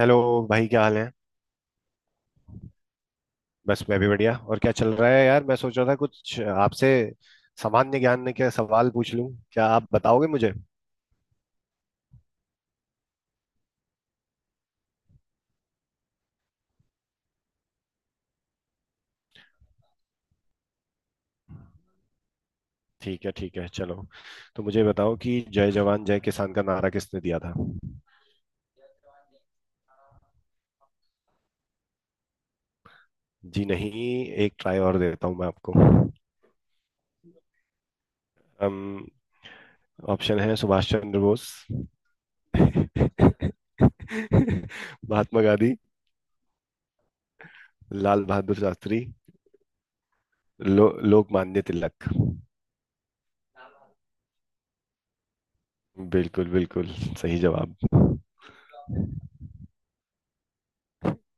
Hello. भाई क्या हाल है। बस मैं भी बढ़िया। और क्या चल रहा है यार? मैं सोच रहा था कुछ आपसे सामान्य ज्ञान के सवाल पूछ लूं, क्या आप बताओगे मुझे? ठीक है ठीक है, चलो। तो मुझे बताओ कि जय जवान जय किसान का नारा किसने दिया था? जी नहीं। एक ट्राई और देता हूं मैं आपको। अम, ऑप्शन है सुभाष चंद्र बोस, महात्मा गांधी, लाल बहादुर शास्त्री, लोकमान्य तिलक। बिल्कुल बिल्कुल, सही जवाब।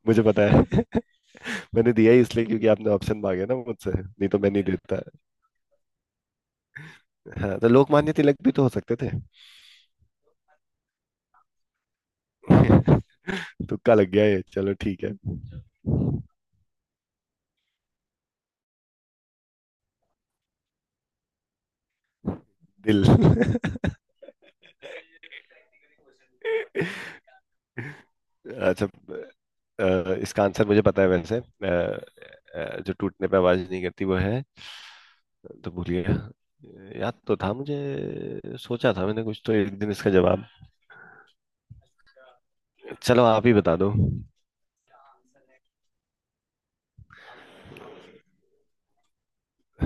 मुझे पता है। मैंने दिया ही इसलिए क्योंकि आपने ऑप्शन मांगे ना मुझसे, नहीं तो मैं नहीं देता। हाँ, तो लोकमान्य तिलक भी तो हो सकते थे। तुक्का लग गया ये, चलो ठीक है। दिल। अच्छा। इसका आंसर मुझे पता है वैसे। जो टूटने पे आवाज नहीं करती वो है, तो भूलिए। याद तो था मुझे, सोचा था मैंने कुछ तो एक दिन इसका जवाब। चलो आप ही बता दो।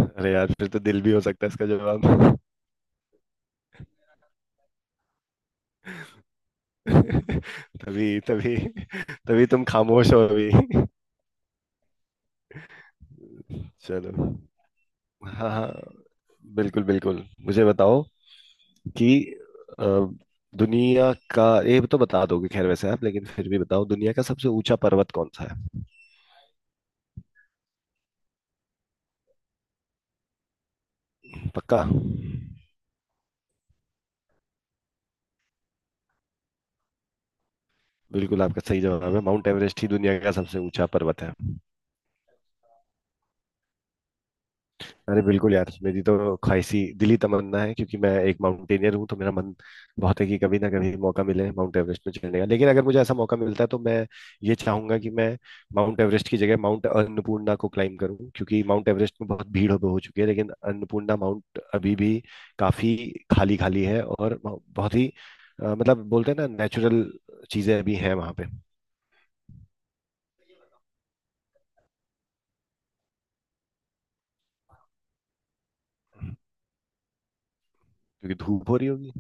अरे यार, फिर तो दिल भी हो सकता है इसका जवाब। तभी तभी, तभी तुम खामोश हो अभी। चलो, हाँ हाँ, बिल्कुल बिल्कुल मुझे बताओ कि अ, दुनिया का, ये तो बता दोगे खैर वैसे आप, लेकिन फिर भी बताओ, दुनिया का सबसे ऊंचा पर्वत कौन सा है? पक्का? बिल्कुल, आपका सही जवाब है, माउंट एवरेस्ट ही दुनिया का सबसे ऊंचा पर्वत है। अरे बिल्कुल यार, मेरी तो ख्वाहिशी दिली तमन्ना है, क्योंकि मैं एक माउंटेनियर हूँ, तो मेरा मन बहुत है कि कभी ना कभी मौका मिले माउंट एवरेस्ट में चढ़ने का। लेकिन अगर मुझे ऐसा मौका मिलता है तो मैं ये चाहूंगा कि मैं माउंट एवरेस्ट की जगह माउंट अन्नपूर्णा को क्लाइम करूँ, क्योंकि माउंट एवरेस्ट में बहुत भीड़ हो चुकी है, लेकिन अन्नपूर्णा माउंट अभी भी काफी खाली खाली है और बहुत ही मतलब बोलते हैं ना, नेचुरल चीजें अभी हैं वहां पे। क्योंकि धूप हो रही होगी।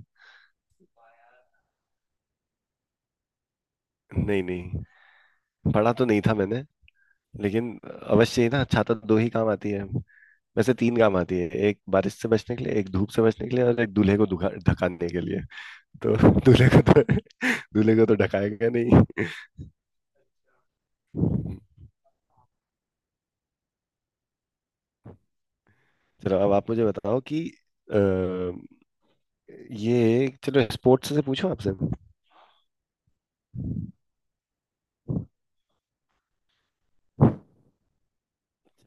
नहीं नहीं, पढ़ा तो नहीं था मैंने, लेकिन अवश्य ही ना, छाता दो ही काम आती है। वैसे तीन काम आती है, एक बारिश से बचने के लिए, एक धूप से बचने के लिए, और एक दूल्हे को दुखा ढकाने के लिए। तो दूल्हे को तो दूल्हे को तो ढकाएगा नहीं। चलो, अब आप मुझे बताओ कि अ, ये चलो, स्पोर्ट्स से पूछो आपसे।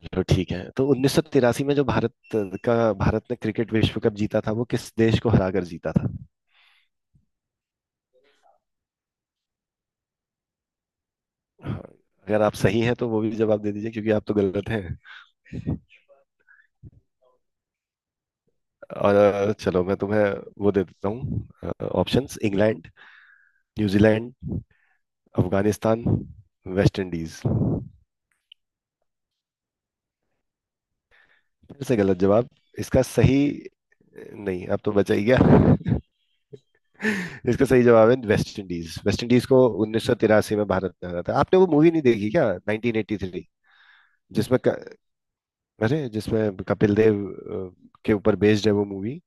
चलो ठीक है। तो 1983 में जो भारत का, भारत ने क्रिकेट विश्व कप जीता था, वो किस देश को हरा कर जीता था? हाँ, अगर आप सही हैं तो वो भी जवाब दे दीजिए, क्योंकि आप तो गलत हैं। और चलो, मैं तुम्हें वो दे देता हूँ options. England, New Zealand, Afghanistan, West Indies. फिर से गलत जवाब। इसका सही, नहीं अब तो बचा ही गया। इसका सही जवाब है वेस्ट इंडीज। वेस्ट इंडीज को 1983 में भारत में आना था। आपने वो मूवी नहीं देखी क्या, 1983? जिसमें क... अरे, जिसमें कपिल देव के ऊपर बेस्ड है वो मूवी।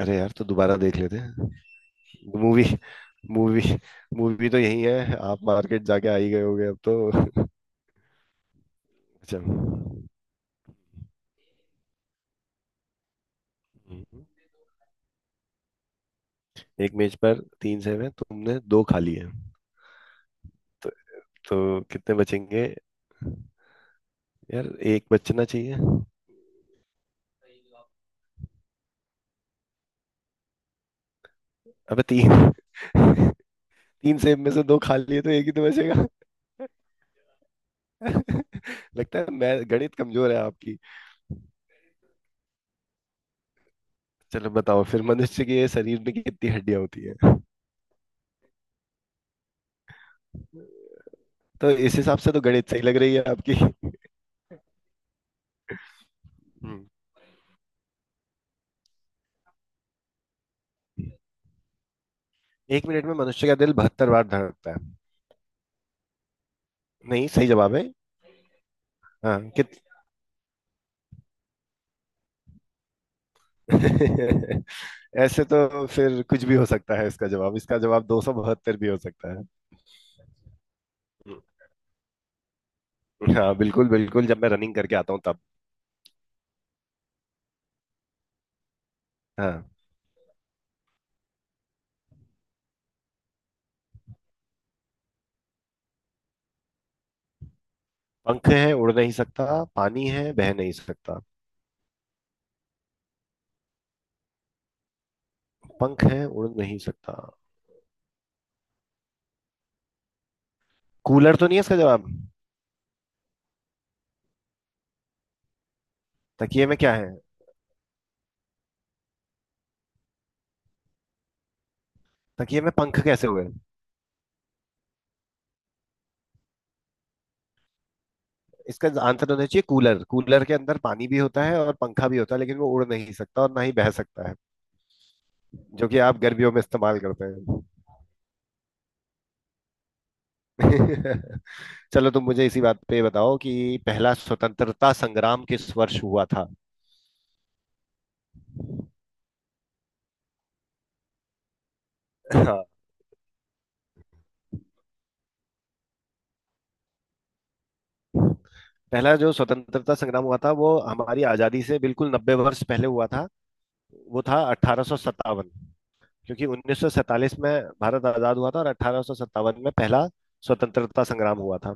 अरे यार, तो दोबारा देख लेते हैं। मूवी मूवी मूवी तो यही है, आप मार्केट जाके आ ही गए होगे अब तो। अच्छा। हम्म। एक मेज पर तीन सेब है, तुमने दो खा लिए तो कितने बचेंगे? यार एक बचना चाहिए। अबे तीन। तीन सेब में से दो खा लिए तो एक ही तो बचेगा। लगता है, मैं गणित कमजोर है आपकी। चलो बताओ फिर, मनुष्य के शरीर में कितनी हड्डियां होती है? तो इस हिसाब से तो गणित सही लग रही है आपकी। हम्म। 1 मिनट में मनुष्य का दिल 72 बार धड़कता है। नहीं, सही जवाब है। हाँ कित ऐसे तो फिर कुछ भी हो सकता है इसका जवाब। इसका जवाब 272 भी हो सकता है। हम्म। हाँ बिल्कुल बिल्कुल, जब मैं रनिंग करके आता हूँ तब। हाँ। पंख है, उड़ नहीं सकता, पानी है, बह नहीं सकता। पंख है, उड़ नहीं सकता। कूलर तो नहीं है इसका जवाब? तकिए में क्या है? तकिए में पंख कैसे हुए? इसका आंसर होना चाहिए कूलर। कूलर के अंदर पानी भी होता है और पंखा भी होता है, लेकिन वो उड़ नहीं सकता और ना ही बह सकता है, जो कि आप गर्मियों में इस्तेमाल करते हैं। चलो, तुम मुझे इसी बात पे बताओ कि पहला स्वतंत्रता संग्राम किस वर्ष हुआ था? हाँ, पहला जो स्वतंत्रता संग्राम हुआ था वो हमारी आजादी से बिल्कुल 90 वर्ष पहले हुआ था। वो था 1857, क्योंकि 1947 में भारत आजाद हुआ था, और 1857 में पहला स्वतंत्रता संग्राम हुआ था।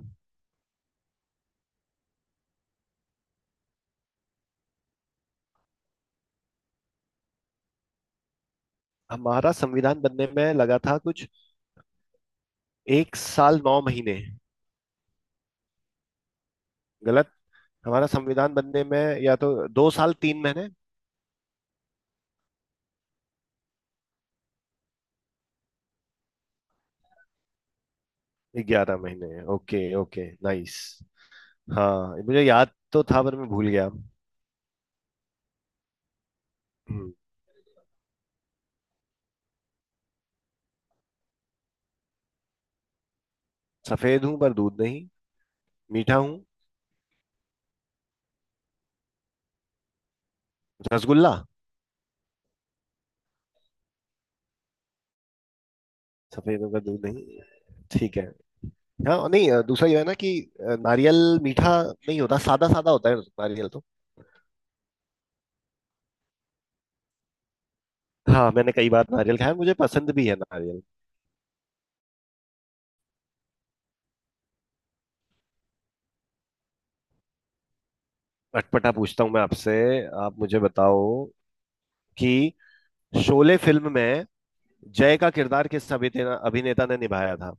हमारा संविधान बनने में लगा था कुछ 1 साल 9 महीने। गलत। हमारा संविधान बनने में या तो 2 साल 3 महीने, 11 महीने, ओके ओके नाइस। हाँ, मुझे याद तो था पर मैं भूल गया। हम्म। सफेद हूँ पर दूध नहीं, मीठा हूँ, रसगुल्ला। सफेद हूँ पर दूध नहीं, ठीक है। हाँ नहीं, दूसरा ये है ना कि नारियल मीठा नहीं होता, सादा सादा होता है नारियल तो। हाँ, मैंने कई बार नारियल खाया, मुझे पसंद भी है नारियल। अटपटा पूछता हूँ मैं आपसे। आप मुझे बताओ कि शोले फिल्म में जय का किरदार किस अभिनेता अभिनेता ने निभाया था?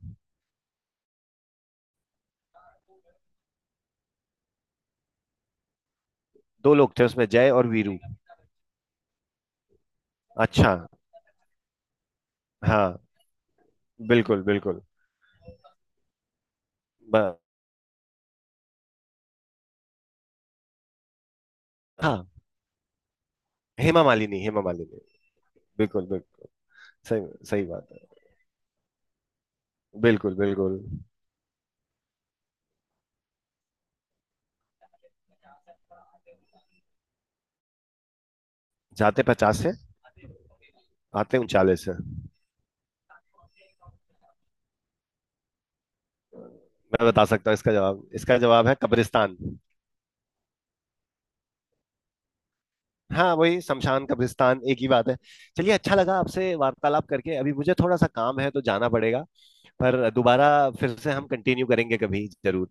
दो लोग थे उसमें, जय और वीरू। अच्छा। हाँ बिल्कुल बिल्कुल। ब, हाँ। हेमा मालिनी, हेमा मालिनी। बिल्कुल बिल्कुल, सही। सही बात है, बिल्कुल बिल्कुल। जाते 50 से, आते 39 से। मैं बता सकता हूँ इसका जवाब, इसका जवाब है कब्रिस्तान। हाँ वही, शमशान कब्रिस्तान एक ही बात है। चलिए, अच्छा लगा आपसे वार्तालाप करके, अभी मुझे थोड़ा सा काम है तो जाना पड़ेगा। पर दोबारा फिर से हम कंटिन्यू करेंगे कभी जरूर।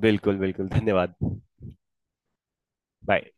बिल्कुल बिल्कुल, धन्यवाद। बाय।